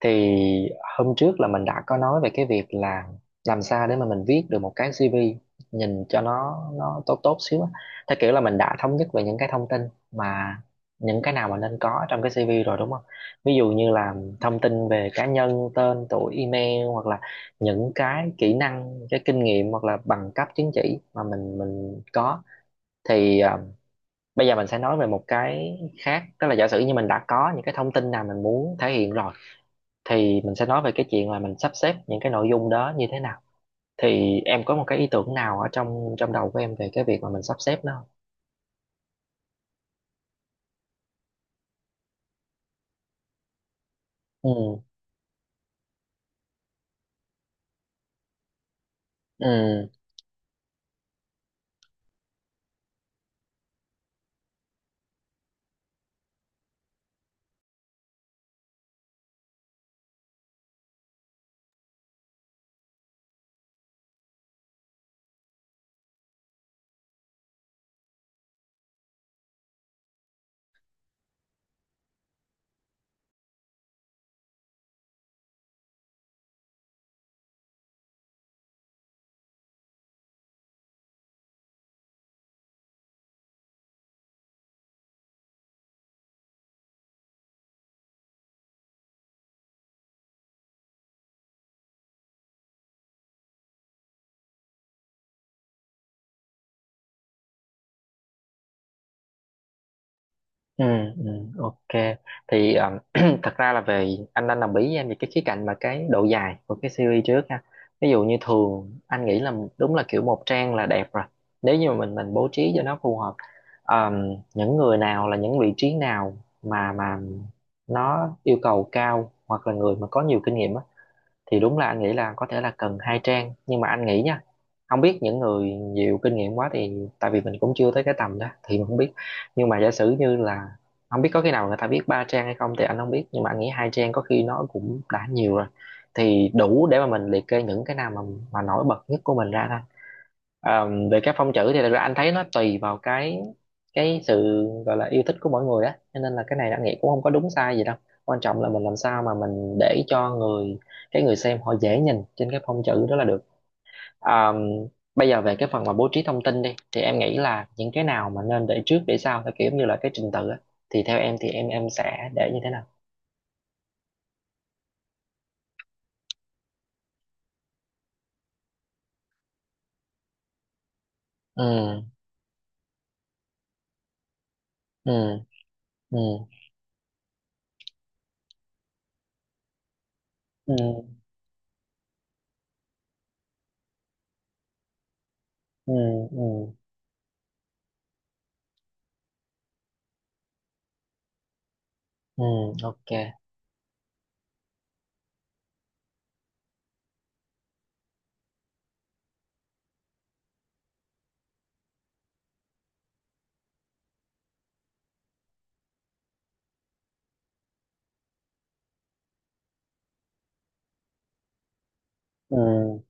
Thì hôm trước là mình đã có nói về cái việc là làm sao để mà mình viết được một cái CV nhìn cho nó tốt tốt xíu á, theo kiểu là mình đã thống nhất về những cái thông tin mà những cái nào mà nên có trong cái CV rồi đúng không? Ví dụ như là thông tin về cá nhân, tên tuổi, email, hoặc là những cái kỹ năng, cái kinh nghiệm, hoặc là bằng cấp chứng chỉ mà mình có. Thì bây giờ mình sẽ nói về một cái khác, tức là giả sử như mình đã có những cái thông tin nào mình muốn thể hiện rồi thì mình sẽ nói về cái chuyện là mình sắp xếp những cái nội dung đó như thế nào. Thì em có một cái ý tưởng nào ở trong trong đầu của em về cái việc mà mình sắp xếp nó không? Ừ, ừ, ừ, ừ. Ok. Thì thật ra là về anh đang đồng ý với em về cái khía cạnh mà cái độ dài của cái series trước ha. Ví dụ như thường anh nghĩ là đúng là kiểu một trang là đẹp rồi, nếu như mà mình bố trí cho nó phù hợp. Những người nào, là những vị trí nào mà nó yêu cầu cao hoặc là người mà có nhiều kinh nghiệm, thì đúng là anh nghĩ là có thể là cần 2 trang, nhưng mà anh nghĩ nha, không biết những người nhiều kinh nghiệm quá thì, tại vì mình cũng chưa tới cái tầm đó thì mình không biết. Nhưng mà giả sử như là, không biết có khi nào người ta biết 3 trang hay không thì anh không biết, nhưng mà anh nghĩ 2 trang có khi nó cũng đã nhiều rồi, thì đủ để mà mình liệt kê những cái nào mà nổi bật nhất của mình ra thôi. À, về các phong chữ thì thật ra anh thấy nó tùy vào cái sự gọi là yêu thích của mỗi người á, cho nên là cái này anh nghĩ cũng không có đúng sai gì đâu, quan trọng là mình làm sao mà mình để cho cái người xem họ dễ nhìn trên cái phong chữ đó là được. À, bây giờ về cái phần mà bố trí thông tin đi thì em nghĩ là những cái nào mà nên để trước để sau theo kiểu như là cái trình tự á, thì theo em thì em sẽ để như thế nào? Ừ, ừ, ừ, ừ, ừ, ừ, ừ. Ok. Ừ,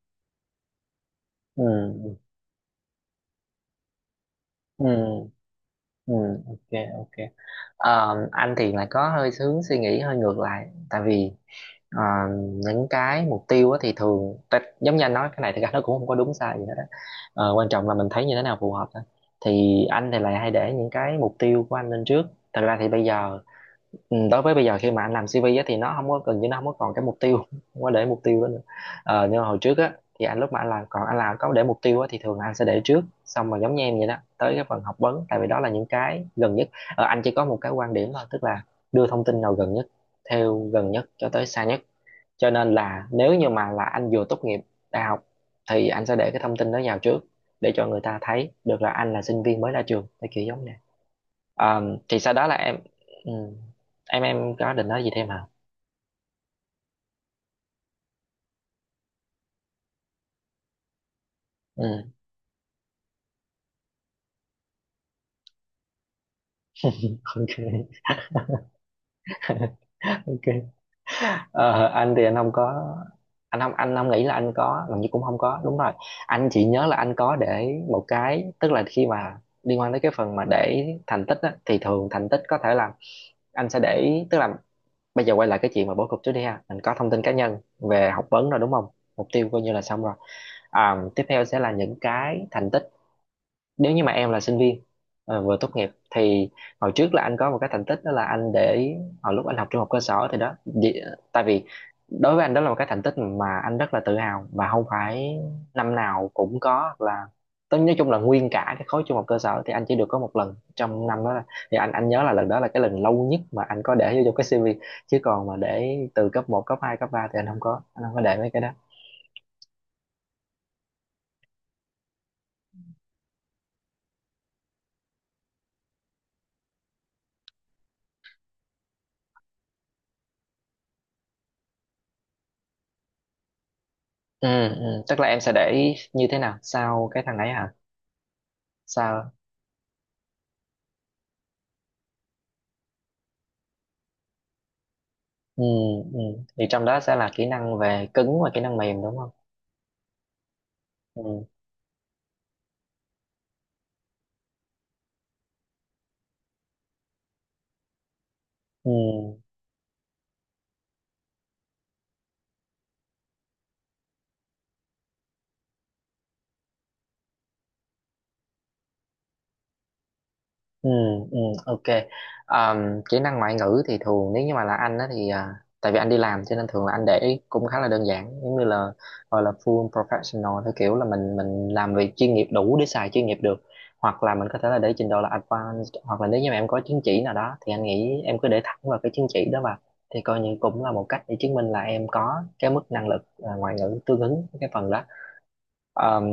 ừ, ừ. Ừ, ok, ok. Anh thì lại có hơi hướng suy nghĩ hơi ngược lại, tại vì ờ, những cái mục tiêu á thì thường giống như anh nói, cái này thì nó cũng không có đúng sai gì hết á. Quan trọng là mình thấy như thế nào phù hợp thôi, thì anh thì lại hay để những cái mục tiêu của anh lên trước. Thật ra thì bây giờ, ừ, đối với bây giờ khi mà anh làm CV á, thì nó không có, gần như nó không có còn cái mục tiêu, không có để mục tiêu đó nữa. Nhưng mà hồi trước á thì anh, lúc mà anh làm, còn anh làm có để mục tiêu á, thì thường là anh sẽ để trước xong rồi giống như em vậy đó, tới cái phần học vấn, tại vì đó là những cái gần nhất. Anh chỉ có một cái quan điểm thôi, tức là đưa thông tin nào gần nhất, theo gần nhất cho tới xa nhất, cho nên là nếu như mà là anh vừa tốt nghiệp đại học thì anh sẽ để cái thông tin đó vào trước, để cho người ta thấy được là anh là sinh viên mới ra trường thì kiểu giống nè. À, thì sau đó là em. Ừ, em có định nói gì thêm hả? Ừ. Ok, ok. Ờ, anh thì anh không có, anh không nghĩ là anh có, gần như cũng không có đúng rồi. Anh chỉ nhớ là anh có để một cái, tức là khi mà liên quan tới cái phần mà để thành tích á, thì thường thành tích có thể là anh sẽ để, tức là bây giờ quay lại cái chuyện mà bố cục trước đi ha, mình có thông tin cá nhân, về học vấn rồi đúng không, mục tiêu coi như là xong rồi. À, tiếp theo sẽ là những cái thành tích, nếu như mà em là sinh viên vừa tốt nghiệp thì hồi trước là anh có một cái thành tích, đó là anh để hồi lúc anh học trung học cơ sở thì tại vì, đối với anh đó là một cái thành tích mà anh rất là tự hào và không phải năm nào cũng có, hoặc là tôi nói chung là nguyên cả cái khối trung học cơ sở thì anh chỉ được có một lần trong năm thì anh nhớ là lần đó là cái lần lâu nhất mà anh có để vô trong cái CV. Chứ còn mà để từ cấp một, cấp hai, cấp 3 thì anh không có để mấy cái đó. Ừ, ừ. Tức là em sẽ để như thế nào sau cái thằng ấy hả? Sao? Ừ, ừ. Thì trong đó sẽ là kỹ năng về cứng và kỹ năng mềm đúng không? Ừ, ừ, ừ, ừ. Ok. Kỹ năng ngoại ngữ thì thường, nếu như mà là anh á thì tại vì anh đi làm cho nên thường là anh để ý cũng khá là đơn giản, giống như là gọi là full professional, theo kiểu là mình làm việc chuyên nghiệp, đủ để xài chuyên nghiệp được. Hoặc là mình có thể là để trình độ là advanced, hoặc là nếu như mà em có chứng chỉ nào đó thì anh nghĩ em cứ để thẳng vào cái chứng chỉ đó vào, thì coi như cũng là một cách để chứng minh là em có cái mức năng lực ngoại ngữ tương ứng với cái phần đó. Ờm,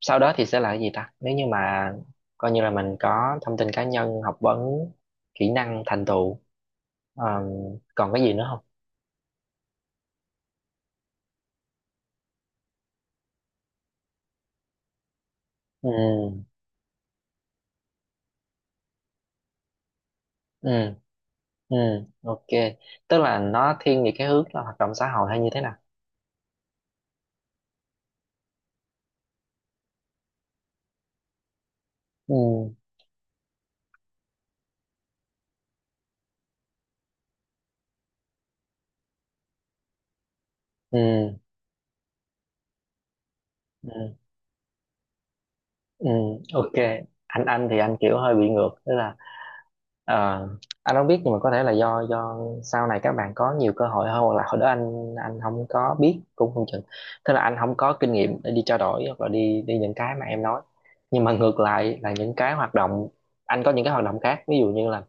Sau đó thì sẽ là cái gì ta, nếu như mà coi như là mình có thông tin cá nhân, học vấn, kỹ năng, thành tựu, ờm, còn cái gì nữa không? Ừ, ừ, ừ. Ok. Tức là nó thiên về cái hướng là hoạt động xã hội hay như thế nào? Ừ, ừ, ừ, ừ. Ok. Anh thì anh kiểu hơi bị ngược, tức là Ờ, anh không biết nhưng mà có thể là do sau này các bạn có nhiều cơ hội hơn, hoặc là hồi đó anh không có biết cũng không chừng. Tức là anh không có kinh nghiệm để đi trao đổi, hoặc là đi đi những cái mà em nói. Nhưng mà ngược lại là những cái hoạt động, anh có những cái hoạt động khác, ví dụ như là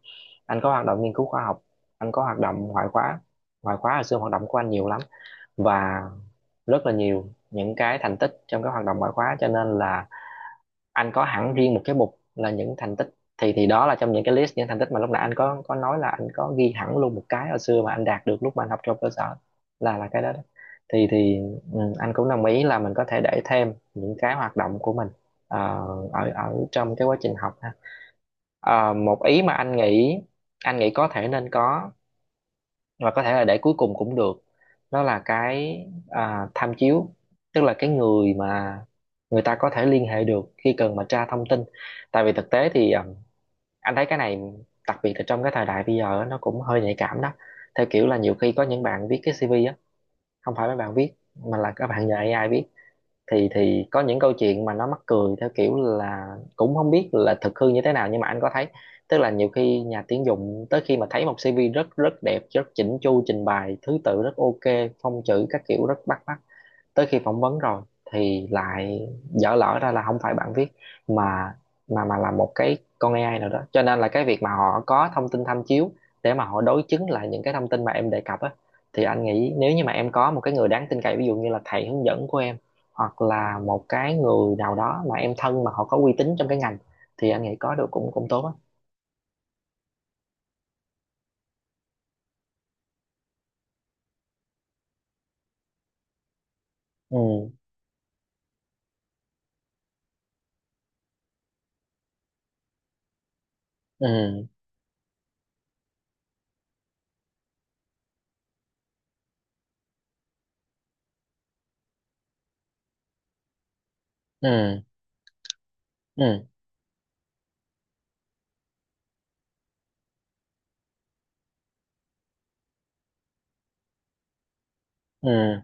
anh có hoạt động nghiên cứu khoa học, anh có hoạt động ngoại khóa. Ngoại khóa là xưa hoạt động của anh nhiều lắm, và rất là nhiều những cái thành tích trong các hoạt động ngoại khóa, cho nên là anh có hẳn riêng một cái mục là những thành tích. Thì đó là trong những cái list những thành tích mà lúc nãy anh có nói là anh có ghi hẳn luôn một cái hồi xưa mà anh đạt được, lúc mà anh học trong cơ sở là cái đó, đó. Thì anh cũng đồng ý là mình có thể để thêm những cái hoạt động của mình ờ, ở ở trong cái quá trình học ha. Một ý mà anh nghĩ, có thể nên có, và có thể là để cuối cùng cũng được, đó là cái tham chiếu. Tức là cái người mà người ta có thể liên hệ được khi cần mà tra thông tin, tại vì thực tế thì anh thấy cái này, đặc biệt là trong cái thời đại bây giờ á, nó cũng hơi nhạy cảm đó. Theo kiểu là nhiều khi có những bạn viết cái CV á, không phải mấy bạn viết mà là các bạn nhờ AI viết. Thì có những câu chuyện mà nó mắc cười, theo kiểu là cũng không biết là thực hư như thế nào, nhưng mà anh có thấy. Tức là nhiều khi nhà tuyển dụng tới khi mà thấy một CV rất rất đẹp, rất chỉnh chu, trình bày thứ tự rất ok, phông chữ các kiểu rất bắt mắt, tới khi phỏng vấn rồi thì lại dở lỡ ra là không phải bạn viết, mà là một cái con AI nào đó. Cho nên là cái việc mà họ có thông tin tham chiếu để mà họ đối chứng lại những cái thông tin mà em đề cập á, thì anh nghĩ nếu như mà em có một cái người đáng tin cậy, ví dụ như là thầy hướng dẫn của em, hoặc là một cái người nào đó mà em thân mà họ có uy tín trong cái ngành, thì anh nghĩ có được cũng cũng tốt á. Ừ, ừ, ừ, ừ, ừ.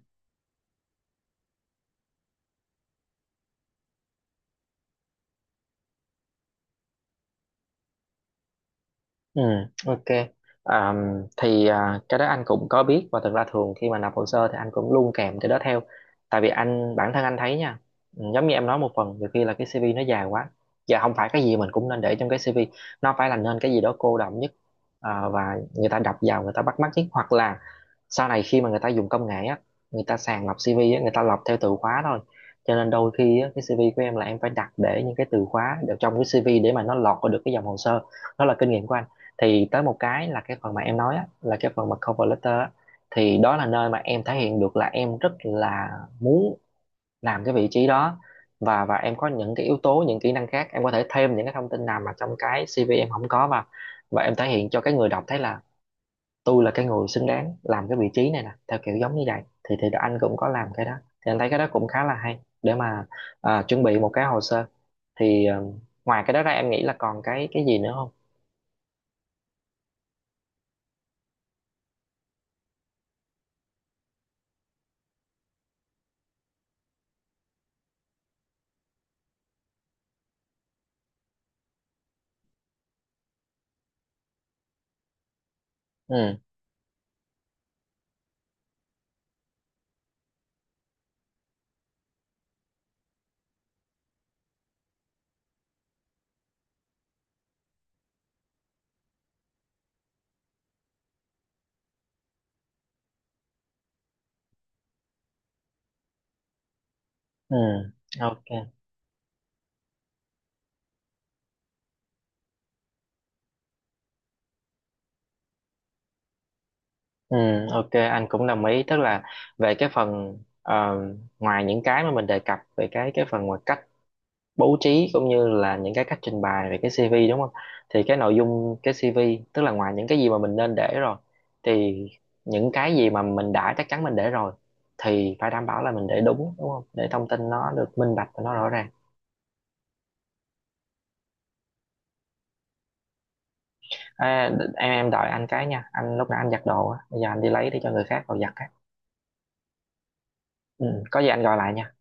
Ừ, ok. À, thì cái đó anh cũng có biết, và thực ra thường khi mà nộp hồ sơ thì anh cũng luôn kèm cái đó theo. Tại vì anh bản thân anh thấy nha, giống như em nói một phần, nhiều khi là cái CV nó dài quá. Và không phải cái gì mình cũng nên để trong cái CV, nó phải là nên cái gì đó cô đọng nhất, và người ta đọc vào người ta bắt mắt nhất, hoặc là sau này khi mà người ta dùng công nghệ á, người ta sàng lọc CV á, người ta lọc theo từ khóa thôi. Cho nên đôi khi á, cái CV của em là em phải đặt để những cái từ khóa ở trong cái CV để mà nó lọt vào được cái dòng hồ sơ. Đó là kinh nghiệm của anh. Thì tới một cái là cái phần mà em nói á, là cái phần mà cover letter á, thì đó là nơi mà em thể hiện được là em rất là muốn làm cái vị trí đó. Và em có những cái yếu tố, những kỹ năng khác em có thể thêm những cái thông tin nào mà trong cái CV em không có, và em thể hiện cho cái người đọc thấy là tôi là cái người xứng đáng làm cái vị trí này nè, theo kiểu giống như vậy, thì anh cũng có làm cái đó. Thì anh thấy cái đó cũng khá là hay để mà chuẩn bị một cái hồ sơ. Thì ngoài cái đó ra em nghĩ là còn cái gì nữa không? Ừ, ừ. Ok. Ừ, ok anh cũng đồng ý, tức là về cái phần ngoài những cái mà mình đề cập về cái phần, ngoài cách bố trí cũng như là những cái cách trình bày về cái CV đúng không, thì cái nội dung cái CV tức là ngoài những cái gì mà mình nên để rồi, thì những cái gì mà mình đã chắc chắn mình để rồi thì phải đảm bảo là mình để đúng, đúng không, để thông tin nó được minh bạch và nó rõ ràng. Em đợi anh cái nha, anh lúc nãy anh giặt đồ á, bây giờ anh đi lấy để cho người khác vào giặt á. Ừ, có gì anh gọi lại nha.